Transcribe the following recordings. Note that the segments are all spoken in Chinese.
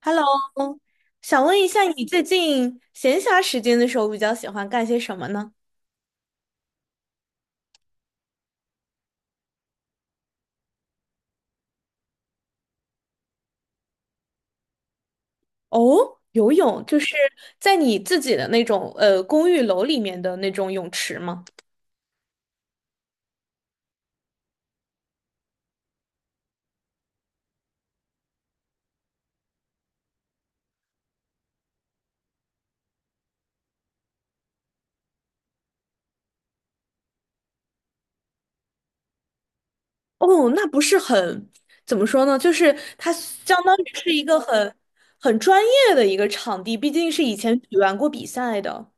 Hello，想问一下，你最近闲暇时间的时候比较喜欢干些什么呢？哦，游泳，就是在你自己的那种公寓楼里面的那种泳池吗？哦，那不是很，怎么说呢？就是它相当于是一个很专业的一个场地，毕竟是以前举办过比赛的。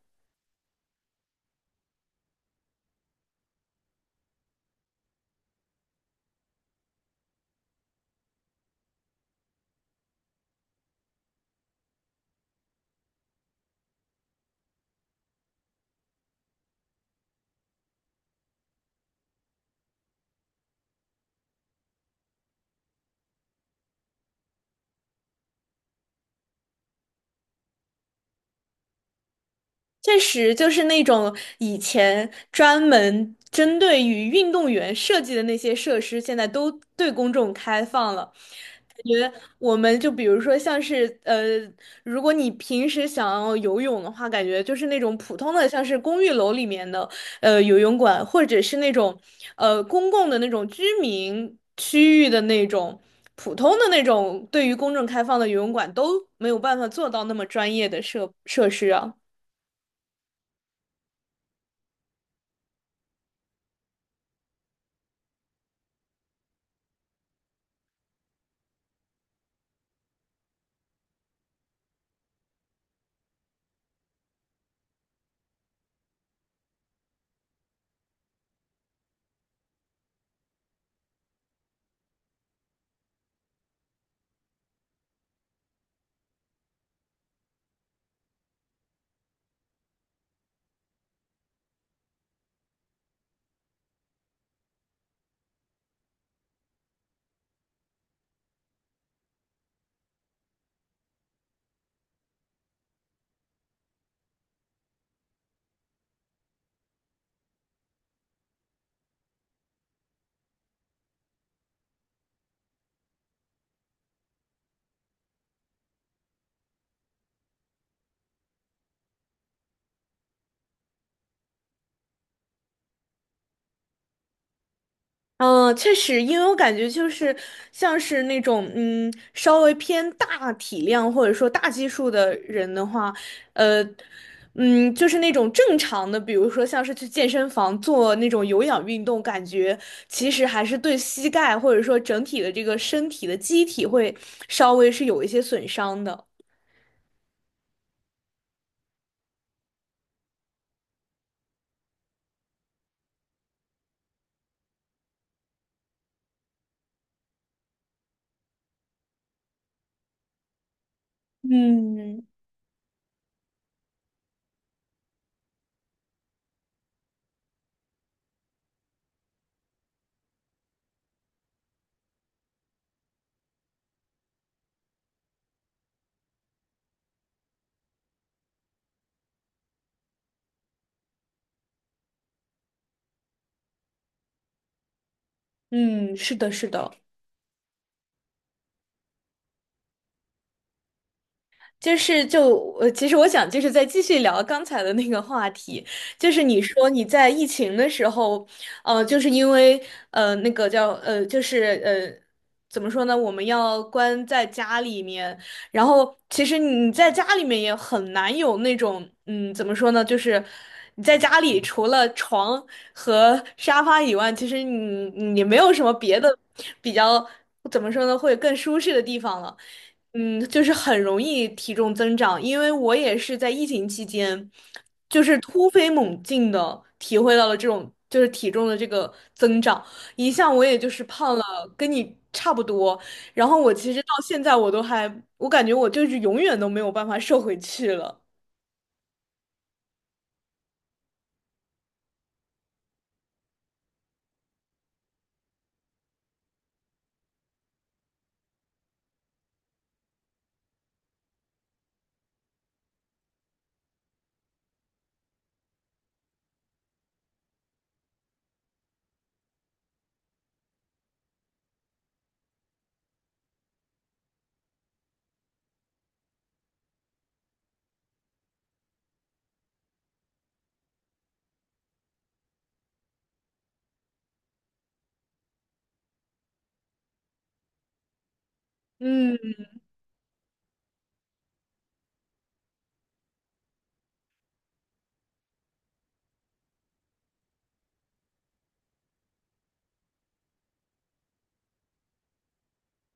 确实，就是那种以前专门针对于运动员设计的那些设施，现在都对公众开放了。感觉我们就比如说像是如果你平时想要游泳的话，感觉就是那种普通的，像是公寓楼里面的游泳馆，或者是那种公共的那种居民区域的那种普通的那种对于公众开放的游泳馆都没有办法做到那么专业的设施啊。嗯，确实，因为我感觉就是像是那种稍微偏大体量或者说大基数的人的话，呃，就是那种正常的，比如说像是去健身房做那种有氧运动，感觉其实还是对膝盖或者说整体的这个身体的机体会稍微是有一些损伤的。嗯嗯，是的，是的。就是，其实我想就是再继续聊刚才的那个话题，就是你说你在疫情的时候，就是因为那个叫就是怎么说呢，我们要关在家里面，然后其实你在家里面也很难有那种，怎么说呢，就是你在家里除了床和沙发以外，其实你没有什么别的比较，怎么说呢，会更舒适的地方了。嗯，就是很容易体重增长，因为我也是在疫情期间，就是突飞猛进的体会到了这种就是体重的这个增长，一向我也就是胖了跟你差不多，然后我其实到现在我都还，我感觉我就是永远都没有办法瘦回去了。嗯，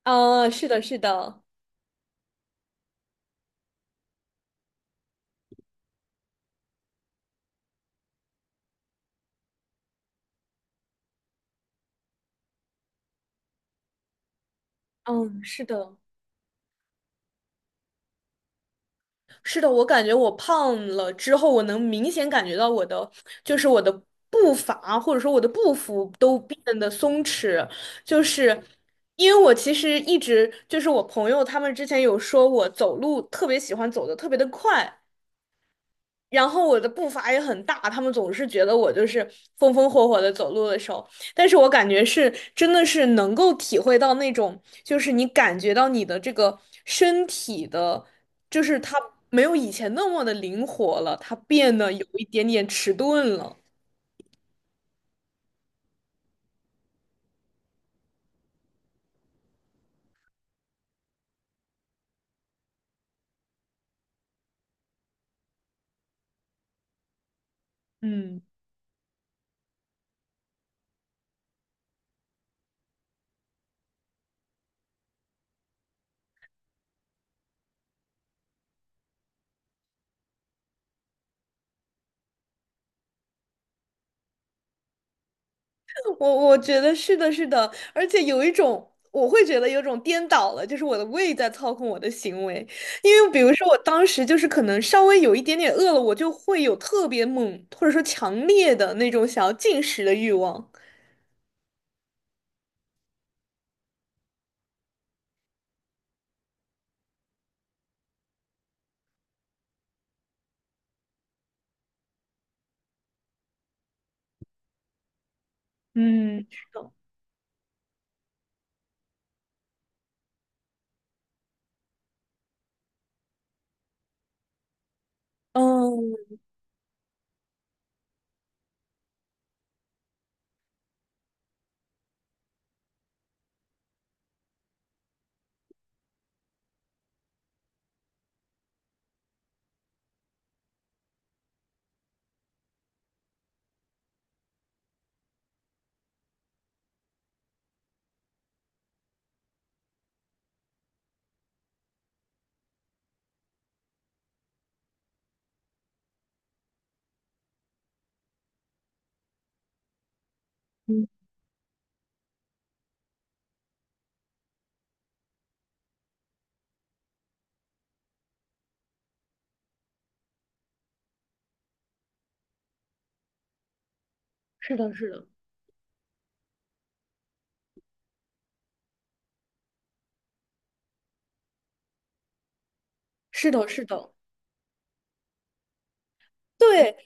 啊，是的，是的，嗯，是的，是的，我感觉我胖了之后，我能明显感觉到我的，就是我的步伐或者说我的步幅都变得松弛，就是因为我其实一直就是我朋友他们之前有说我走路特别喜欢走的特别的快，然后我的步伐也很大，他们总是觉得我就是风风火火的走路的时候，但是我感觉是真的是能够体会到那种，就是你感觉到你的这个身体的，就是它没有以前那么的灵活了，它变得有一点点迟钝了。嗯。我觉得是的，是的，而且有一种，我会觉得有种颠倒了，就是我的胃在操控我的行为，因为比如说我当时就是可能稍微有一点点饿了，我就会有特别猛或者说强烈的那种想要进食的欲望。嗯，是的嗯，嗯，是的，是的，是的，是的，嗯对，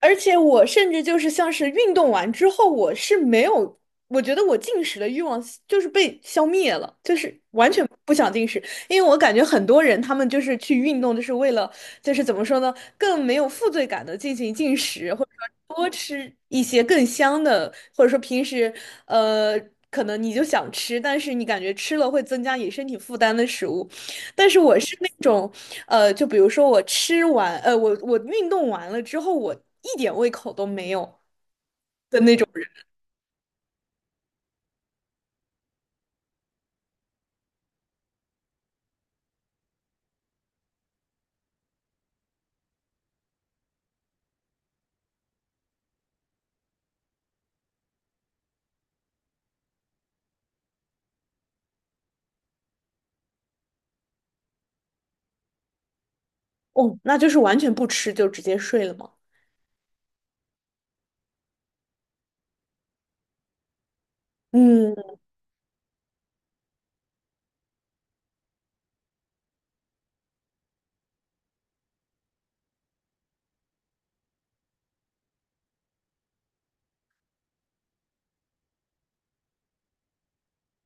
而且我甚至就是像是运动完之后，我是没有，我觉得我进食的欲望就是被消灭了，就是完全不想进食，因为我感觉很多人他们就是去运动，就是为了就是怎么说呢，更没有负罪感的进行进食，或者说多吃一些更香的，或者说平时呃可能你就想吃，但是你感觉吃了会增加你身体负担的食物，但是我是那种，就比如说我吃完，我运动完了之后，我一点胃口都没有的那种人。哦，那就是完全不吃就直接睡了吗？嗯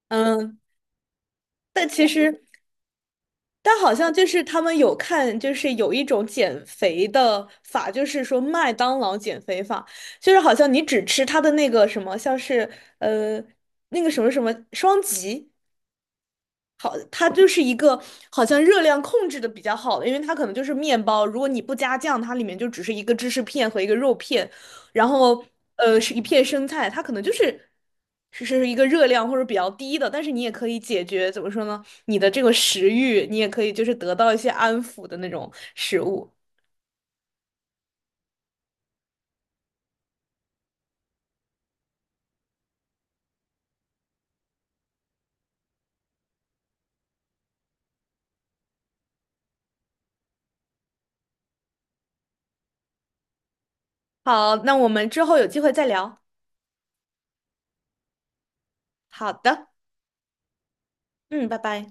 嗯，但其实，但好像就是他们有看，就是有一种减肥的法，就是说麦当劳减肥法，就是好像你只吃它的那个什么，像是呃那个什么什么双极。好，它就是一个好像热量控制的比较好的，因为它可能就是面包，如果你不加酱，它里面就只是一个芝士片和一个肉片，然后是一片生菜，它可能就是是一个热量或者比较低的，但是你也可以解决怎么说呢，你的这个食欲，你也可以就是得到一些安抚的那种食物。好，那我们之后有机会再聊。好的，嗯，拜拜。